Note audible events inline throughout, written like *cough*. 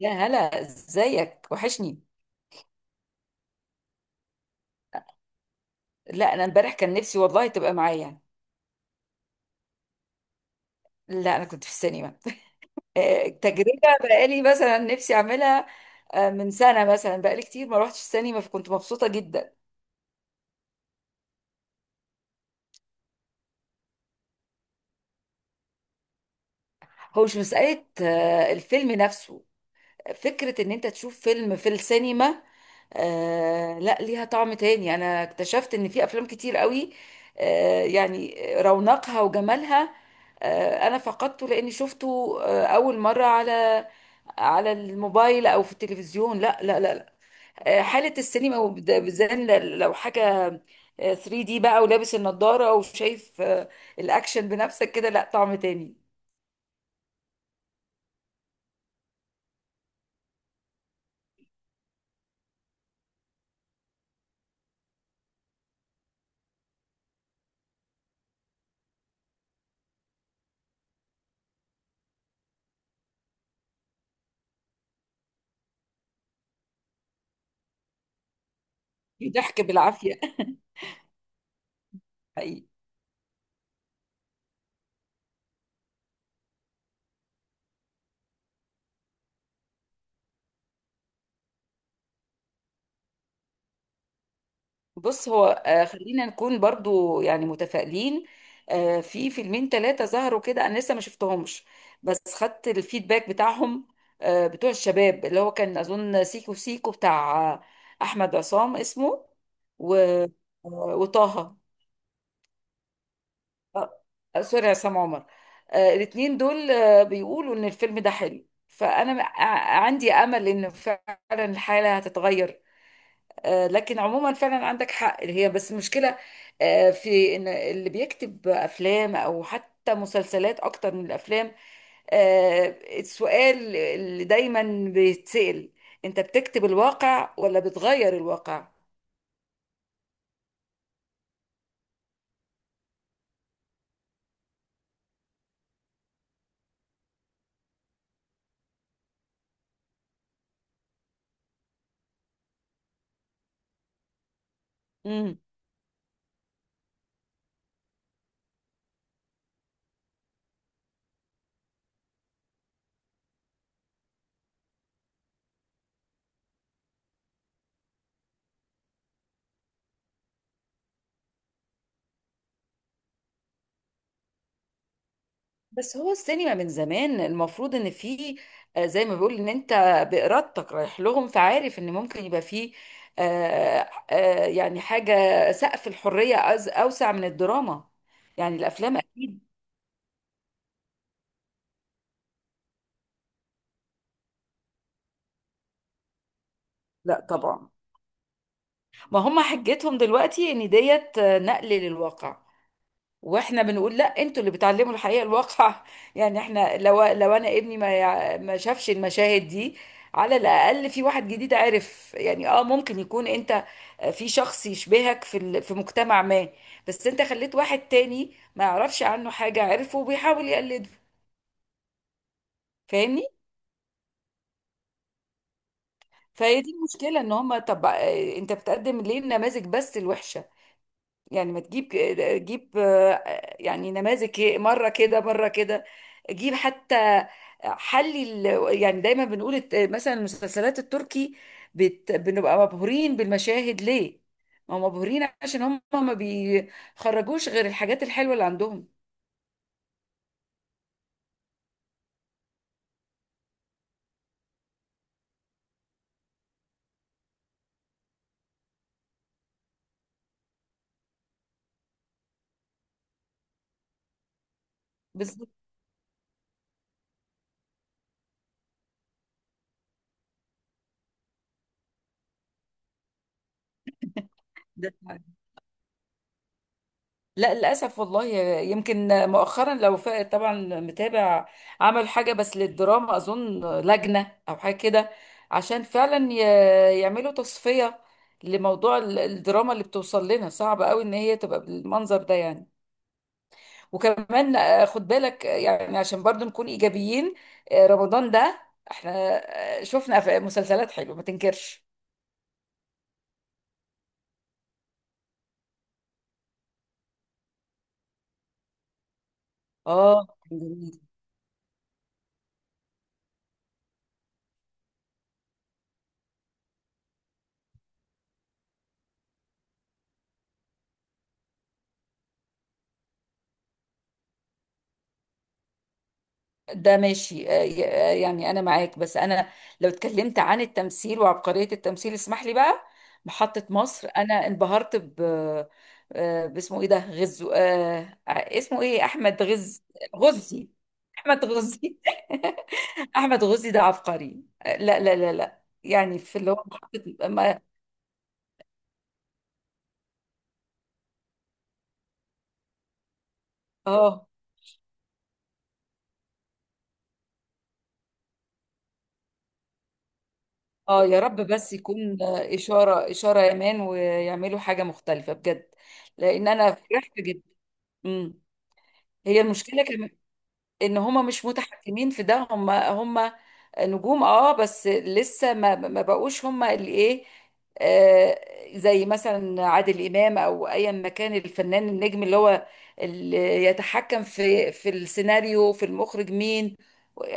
يا هلا ازيك وحشني. لا انا امبارح كان نفسي والله تبقى معايا يعني. لا انا كنت في السينما. *laughs* تجربة. بقالي مثلا نفسي اعملها. من سنة مثلا بقالي كتير ما روحتش السينما فكنت مبسوطة جدا. هو مش مسألة الفيلم نفسه. فكرة ان انت تشوف فيلم في السينما. آه لا ليها طعم تاني. انا اكتشفت ان في افلام كتير قوي آه يعني رونقها وجمالها. آه انا فقدته لاني شفته آه اول مرة على الموبايل او في التلفزيون. لا. آه حالة السينما وبد- بالذات لو حاجة 3D دي بقى ولابس النضارة وشايف الأكشن بنفسك كده لا طعم تاني. في ضحك بالعافية. *laughs* حقيقي. بص هو خلينا نكون برضو يعني متفائلين. في فيلمين ثلاثة ظهروا كده أنا لسه ما شفتهمش، بس خدت الفيدباك بتاعهم. بتوع الشباب اللي هو كان أظن سيكو سيكو بتاع أحمد عصام اسمه و وطه. آه، سوري عصام عمر. الاتنين دول بيقولوا إن الفيلم ده حلو فأنا عندي أمل إن فعلا الحالة هتتغير. لكن عموما فعلا عندك حق، هي بس المشكلة في ان اللي بيكتب افلام او حتى مسلسلات اكتر من الافلام. آه، السؤال اللي دايما بيتسأل، انت بتكتب الواقع ولا بتغير الواقع؟ مم. بس هو السينما من زمان المفروض ان في زي ما بيقول ان انت بإرادتك رايح لهم، فعارف ان ممكن يبقى فيه يعني حاجة، سقف الحرية اوسع من الدراما، يعني الافلام اكيد. لا طبعا. ما هم حجتهم دلوقتي ان ديت نقل للواقع، واحنا بنقول لا، انتوا اللي بتعلموا الحقيقه الواقع. *laughs* يعني احنا لو انا ابني ما شافش المشاهد دي على الاقل في واحد جديد عرف، يعني اه ممكن يكون انت في شخص يشبهك في مجتمع ما. بس انت خليت واحد تاني ما يعرفش عنه حاجه عرفه وبيحاول يقلده. فاهمني؟ فهي دي المشكله، ان هم طب انت بتقدم ليه النماذج بس الوحشه؟ يعني ما تجيب، جيب يعني نماذج مره كده مره كده. جيب حتى يعني دايما بنقول مثلا المسلسلات التركي بنبقى مبهورين بالمشاهد ليه؟ ما هم مبهورين عشان هم ما بيخرجوش غير الحاجات الحلوه اللي عندهم. بالظبط. ده لا للأسف والله. يمكن مؤخرا لو طبعا متابع، عمل حاجة بس للدراما أظن لجنة أو حاجة كده عشان فعلا يعملوا تصفية لموضوع الدراما اللي بتوصل لنا، صعب قوي إن هي تبقى بالمنظر ده يعني. وكمان خد بالك يعني عشان برضو نكون إيجابيين، رمضان ده احنا شفنا مسلسلات حلوة ما تنكرش. اه. ده ماشي يعني انا معاك، بس انا لو اتكلمت عن التمثيل وعبقرية التمثيل اسمح لي بقى، محطة مصر انا انبهرت ب باسمه ايه ده غزو اسمه ايه احمد غزي، احمد غزي. *laughs* احمد غزي ده عبقري لا يعني في اللي هو محطة ما- اه. اه يا رب بس يكون اشارة يمان ويعملوا حاجة مختلفة بجد، لان انا فرحت جدا. هي المشكلة كمان، ان هما مش متحكمين في ده. هما نجوم اه، بس لسه ما بقوش هما اللي ايه، آه زي مثلا عادل امام او ايا ما كان الفنان النجم اللي هو اللي يتحكم في السيناريو في المخرج مين.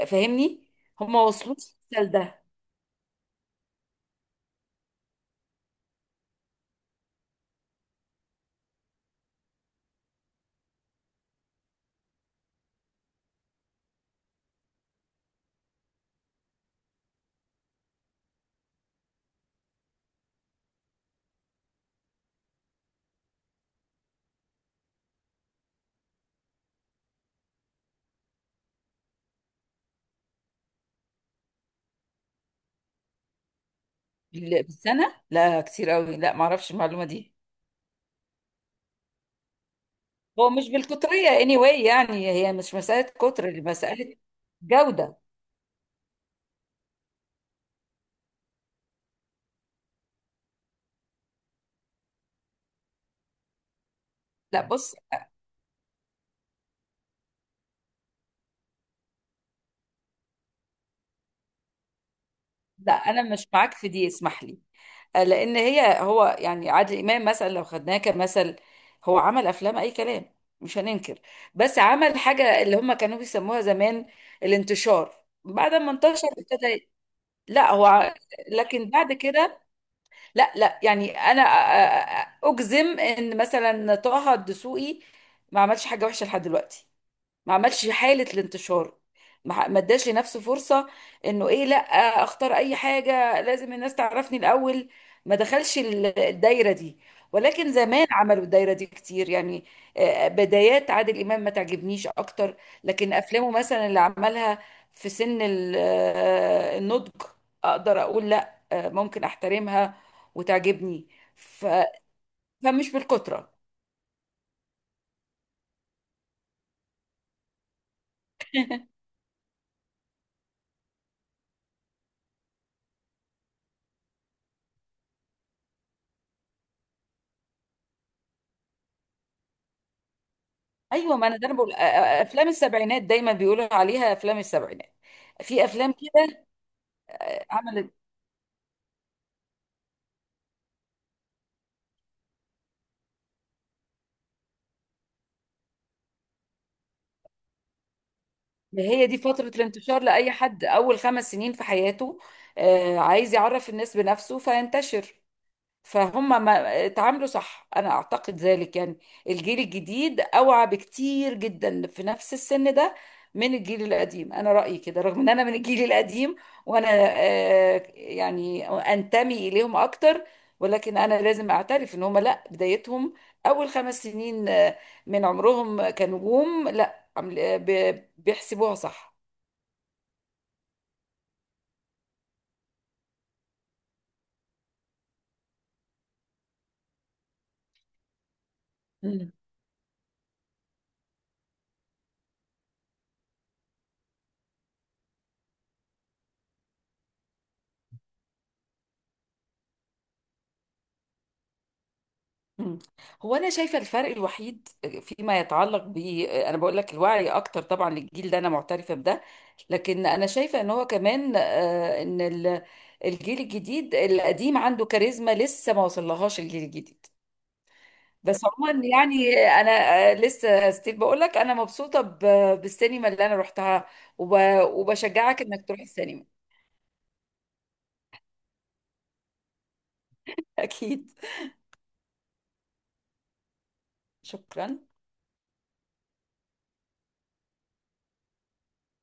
فاهمني؟ هما وصلوش لده. بالسنة؟ لا كتير قوي. لا ما اعرفش المعلومة دي. هو مش بالكترية anyway، يعني هي مش مسألة كتر، مسألة جودة. لا بص، لا انا مش معاك في دي اسمح لي. لان هي هو يعني عادل امام مثلا لو خدناه كمثل، هو عمل افلام اي كلام مش هننكر، بس عمل حاجه اللي هم كانوا بيسموها زمان الانتشار. بعد ما انتشر ابتدى لا هو ع- لكن بعد كده، لا لا يعني انا اجزم ان مثلا طه الدسوقي ما عملش حاجه وحشه لحد دلوقتي. ما عملش حالة الانتشار، ما اداش لنفسه فرصة انه ايه لا، اختار اي حاجة لازم الناس تعرفني الاول. ما دخلش الدايرة دي، ولكن زمان عملوا الدايرة دي كتير يعني. بدايات عادل امام ما تعجبنيش اكتر، لكن افلامه مثلا اللي عملها في سن النضج اقدر اقول لا ممكن احترمها وتعجبني. ف... فمش بالكترة. ايوه ما انا ده انا بقول افلام السبعينات، دايما بيقولوا عليها افلام السبعينات، في افلام كده عملت. هي دي فتره الانتشار لاي حد، اول خمس سنين في حياته عايز يعرف الناس بنفسه فينتشر. فهم ما اتعاملوا صح انا اعتقد ذلك، يعني الجيل الجديد اوعى بكتير جدا في نفس السن ده من الجيل القديم، انا رأيي كده رغم ان انا من الجيل القديم وانا يعني انتمي اليهم اكتر، ولكن انا لازم اعترف ان هم لا بدايتهم اول خمس سنين من عمرهم كنجوم لا بيحسبوها صح. مم. هو انا شايفه الفرق الوحيد فيما يتعلق ب، انا بقول لك الوعي اكتر طبعا للجيل ده انا معترفه بده، لكن انا شايفه ان هو كمان ان الجيل الجديد القديم عنده كاريزما لسه ما وصلهاش الجيل الجديد. بس عموما يعني انا لسه ستيل بقول لك انا مبسوطه بالسينما اللي انا رحتها، وبشجعك انك تروح السينما. *laughs* اكيد. شكرا.